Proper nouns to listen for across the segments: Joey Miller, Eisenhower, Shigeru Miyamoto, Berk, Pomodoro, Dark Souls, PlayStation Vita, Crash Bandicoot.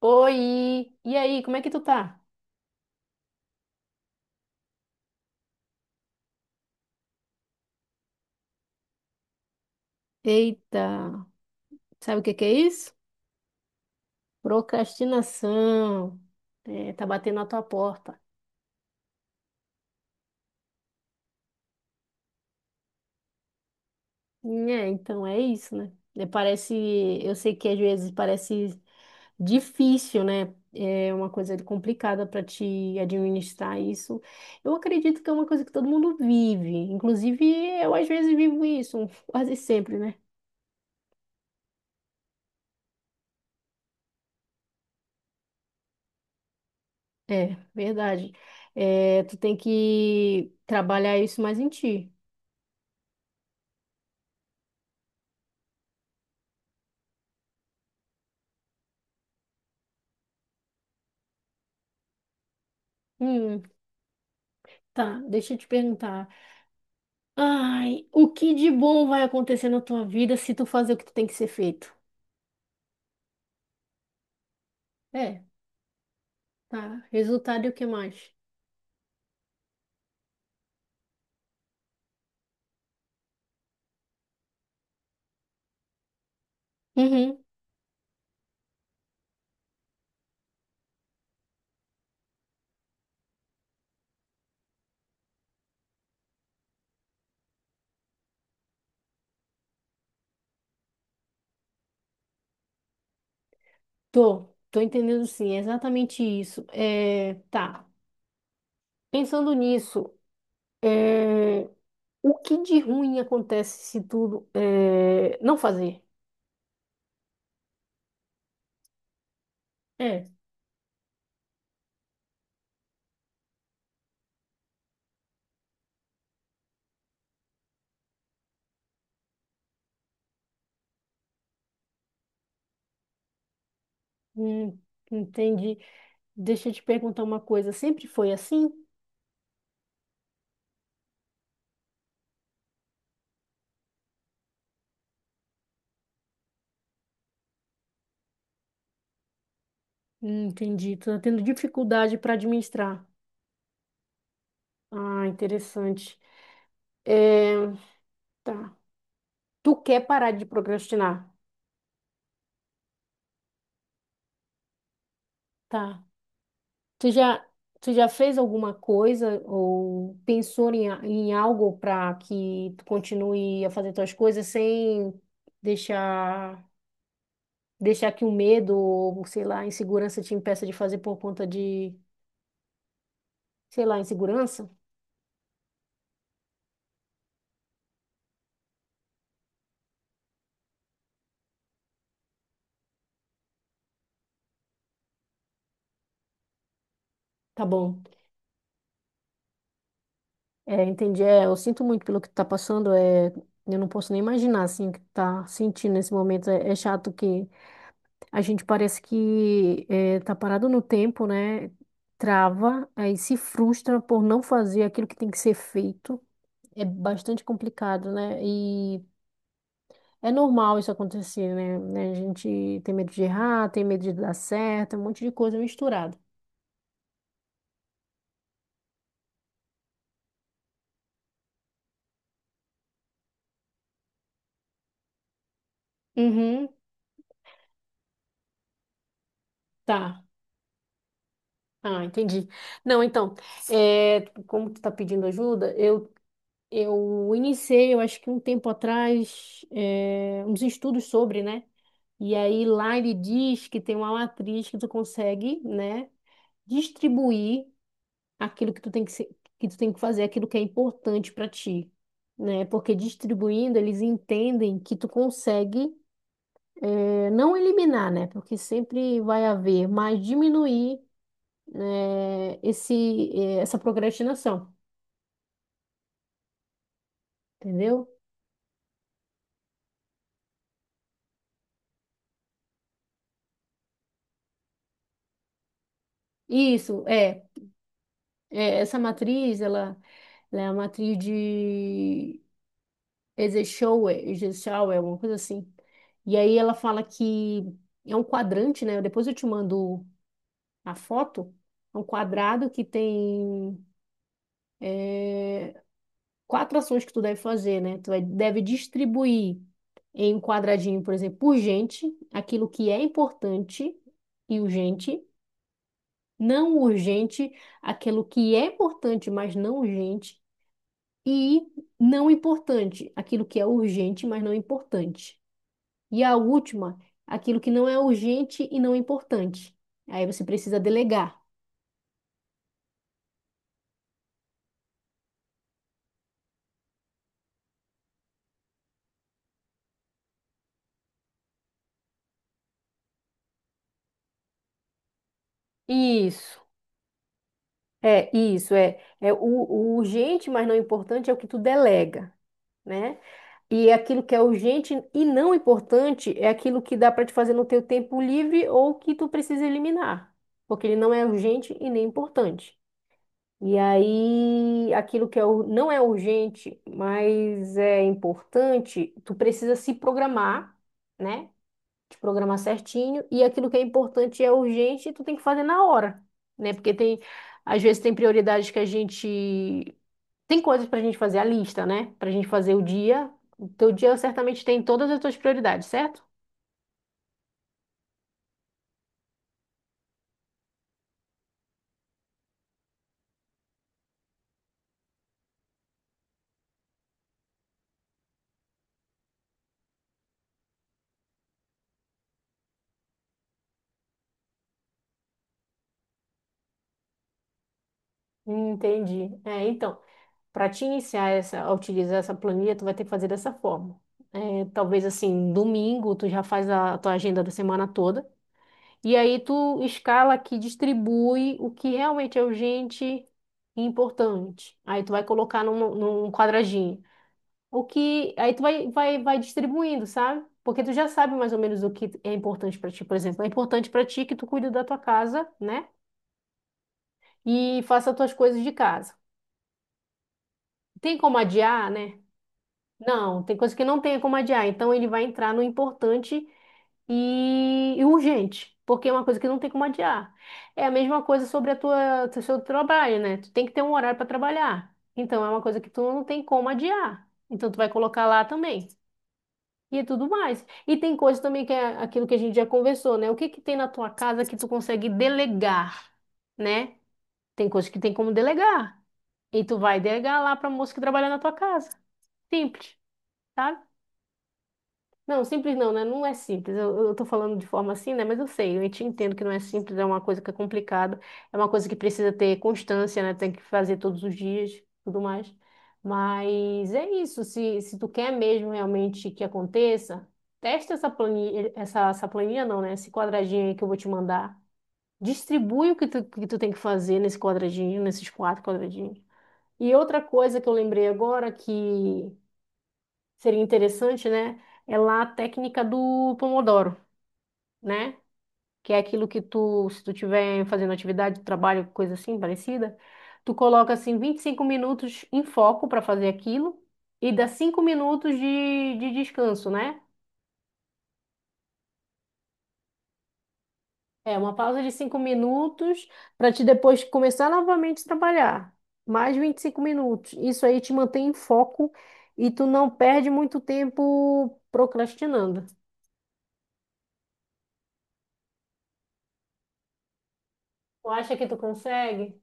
Oi! E aí, como é que tu tá? Eita, sabe o que que é isso? Procrastinação. É, tá batendo na tua porta. É, então é isso, né? Eu sei que às vezes parece difícil, né? É uma coisa complicada para te administrar isso. Eu acredito que é uma coisa que todo mundo vive. Inclusive, eu às vezes vivo isso, quase sempre, né? É, verdade. É, tu tem que trabalhar isso mais em ti. Hum, tá, deixa eu te perguntar. Ai, o que de bom vai acontecer na tua vida se tu fazer o que tu tem que ser feito? É, tá. Resultado e o que mais? Uhum, tô, tô entendendo sim, é exatamente isso. É, tá. Pensando nisso, é, o que de ruim acontece se não fazer? É, hum, entendi. Deixa eu te perguntar uma coisa, sempre foi assim? Entendi, tô tendo dificuldade para administrar. Ah, interessante. É, tá. Tu quer parar de procrastinar? Tá. Tu já, tu já fez alguma coisa ou pensou em, em algo para que tu continue a fazer tuas coisas sem deixar, deixar que o medo ou, sei lá, a insegurança te impeça de fazer por conta de, sei lá, insegurança? Tá bom. É, entendi. É, eu sinto muito pelo que tu tá passando. É, eu não posso nem imaginar, assim, o que tu tá sentindo nesse momento. É, é chato que a gente parece que tá parado no tempo, né? Trava, aí se frustra por não fazer aquilo que tem que ser feito. É bastante complicado, né? E é normal isso acontecer, né? Né? A gente tem medo de errar, tem medo de dar certo, um monte de coisa misturada. Uhum, tá. Ah, entendi. Não, então, é como tu tá pedindo ajuda, eu iniciei, eu acho que um tempo atrás, uns estudos sobre, né? E aí lá ele diz que tem uma matriz que tu consegue, né, distribuir aquilo que tu tem que ser, que tu tem que fazer, aquilo que é importante para ti, né? Porque distribuindo eles entendem que tu consegue não eliminar, né? Porque sempre vai haver, mas diminuir essa procrastinação, entendeu? Isso é, é essa matriz, ela é a matriz de Eisenhower, uma coisa assim. E aí ela fala que é um quadrante, né? Depois eu te mando a foto. É um quadrado que tem quatro ações que tu deve fazer, né? Deve distribuir em um quadradinho, por exemplo, urgente, aquilo que é importante e urgente, não urgente, aquilo que é importante, mas não urgente, e não importante, aquilo que é urgente, mas não importante. E a última, aquilo que não é urgente e não importante. Aí você precisa delegar. Isso, o urgente, mas não importante é o que tu delega, né? E é aquilo que é urgente e não importante é aquilo que dá para te fazer no teu tempo livre ou que tu precisa eliminar, porque ele não é urgente e nem importante. E aí, aquilo que não é urgente, mas é importante, tu precisa se programar, né? Te programar certinho e aquilo que é importante e é urgente, tu tem que fazer na hora, né? Porque tem, às vezes tem prioridades que a gente tem coisas pra gente fazer a lista, né? Pra gente fazer o dia. O teu dia certamente tem todas as tuas prioridades, certo? Entendi. É, então, para te iniciar a utilizar essa planilha, tu vai ter que fazer dessa forma. É, talvez assim, domingo tu já faz a tua agenda da semana toda. E aí tu escala aqui, distribui o que realmente é urgente e importante. Aí tu vai colocar num quadradinho. O que aí tu vai distribuindo, sabe? Porque tu já sabe mais ou menos o que é importante pra ti. Por exemplo, é importante pra ti que tu cuide da tua casa, né? E faça as tuas coisas de casa. Tem como adiar, né? Não, tem coisa que não tem como adiar. Então ele vai entrar no importante e urgente, porque é uma coisa que não tem como adiar. É a mesma coisa sobre o seu trabalho, né? Tu tem que ter um horário para trabalhar. Então é uma coisa que tu não tem como adiar. Então tu vai colocar lá também. E é tudo mais. E tem coisa também que é aquilo que a gente já conversou, né? O que que tem na tua casa que tu consegue delegar, né? Tem coisa que tem como delegar. E tu vai delegar lá para moça que trabalha na tua casa. Simples, sabe? Não, simples não, né? Não é simples. Eu tô falando de forma assim, né? Mas eu sei, eu te entendo que não é simples, é uma coisa que é complicada, é uma coisa que precisa ter constância, né? Tem que fazer todos os dias, tudo mais. Mas é isso, se tu quer mesmo realmente que aconteça, testa essa planilha, essa planilha não, né? Esse quadradinho aí que eu vou te mandar. Distribui que tu tem que fazer nesse quadradinho, nesses quatro quadradinhos. E outra coisa que eu lembrei agora que seria interessante, né? É lá a técnica do Pomodoro, né? Que é aquilo que tu, se tu tiver fazendo atividade, trabalho, coisa assim, parecida, tu coloca assim 25 minutos em foco para fazer aquilo e dá 5 minutos de descanso, né? É uma pausa de 5 minutos para te depois começar novamente a trabalhar. Mais 25 minutos. Isso aí te mantém em foco e tu não perde muito tempo procrastinando. Tu acha que tu consegue?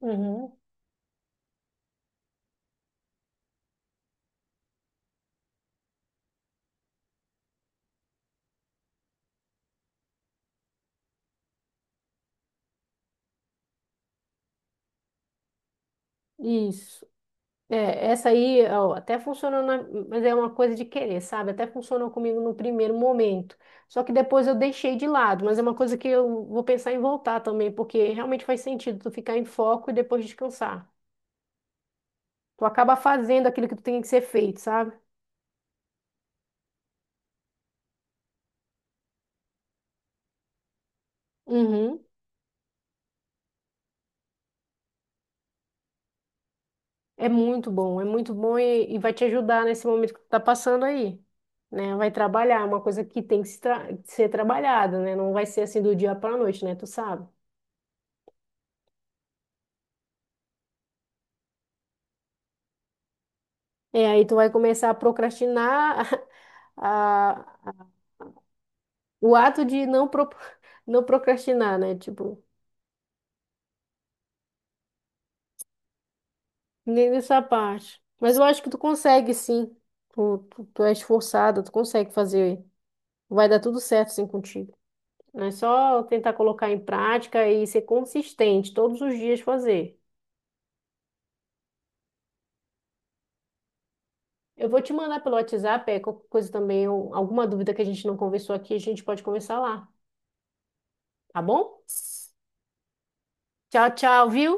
Uhum. Isso. É, essa aí ó, até funcionou, mas é uma coisa de querer, sabe? Até funcionou comigo no primeiro momento. Só que depois eu deixei de lado, mas é uma coisa que eu vou pensar em voltar também, porque realmente faz sentido tu ficar em foco e depois descansar. Tu acaba fazendo aquilo que tu tem que ser feito, sabe? Uhum. É muito bom, e vai te ajudar nesse momento que tu tá passando aí, né? Vai trabalhar, é uma coisa que tem que se tra- ser trabalhada, né? Não vai ser assim do dia pra noite, né? Tu sabe? É, aí tu vai começar a procrastinar a, a- o ato de não procrastinar, né? Tipo, nem nessa parte. Mas eu acho que tu consegue, sim. Tu é esforçada, tu consegue fazer. Vai dar tudo certo, sim, contigo. É só tentar colocar em prática e ser consistente, todos os dias fazer. Eu vou te mandar pelo WhatsApp, é, qualquer coisa também, ou alguma dúvida que a gente não conversou aqui, a gente pode conversar lá, tá bom? Tchau, tchau, viu?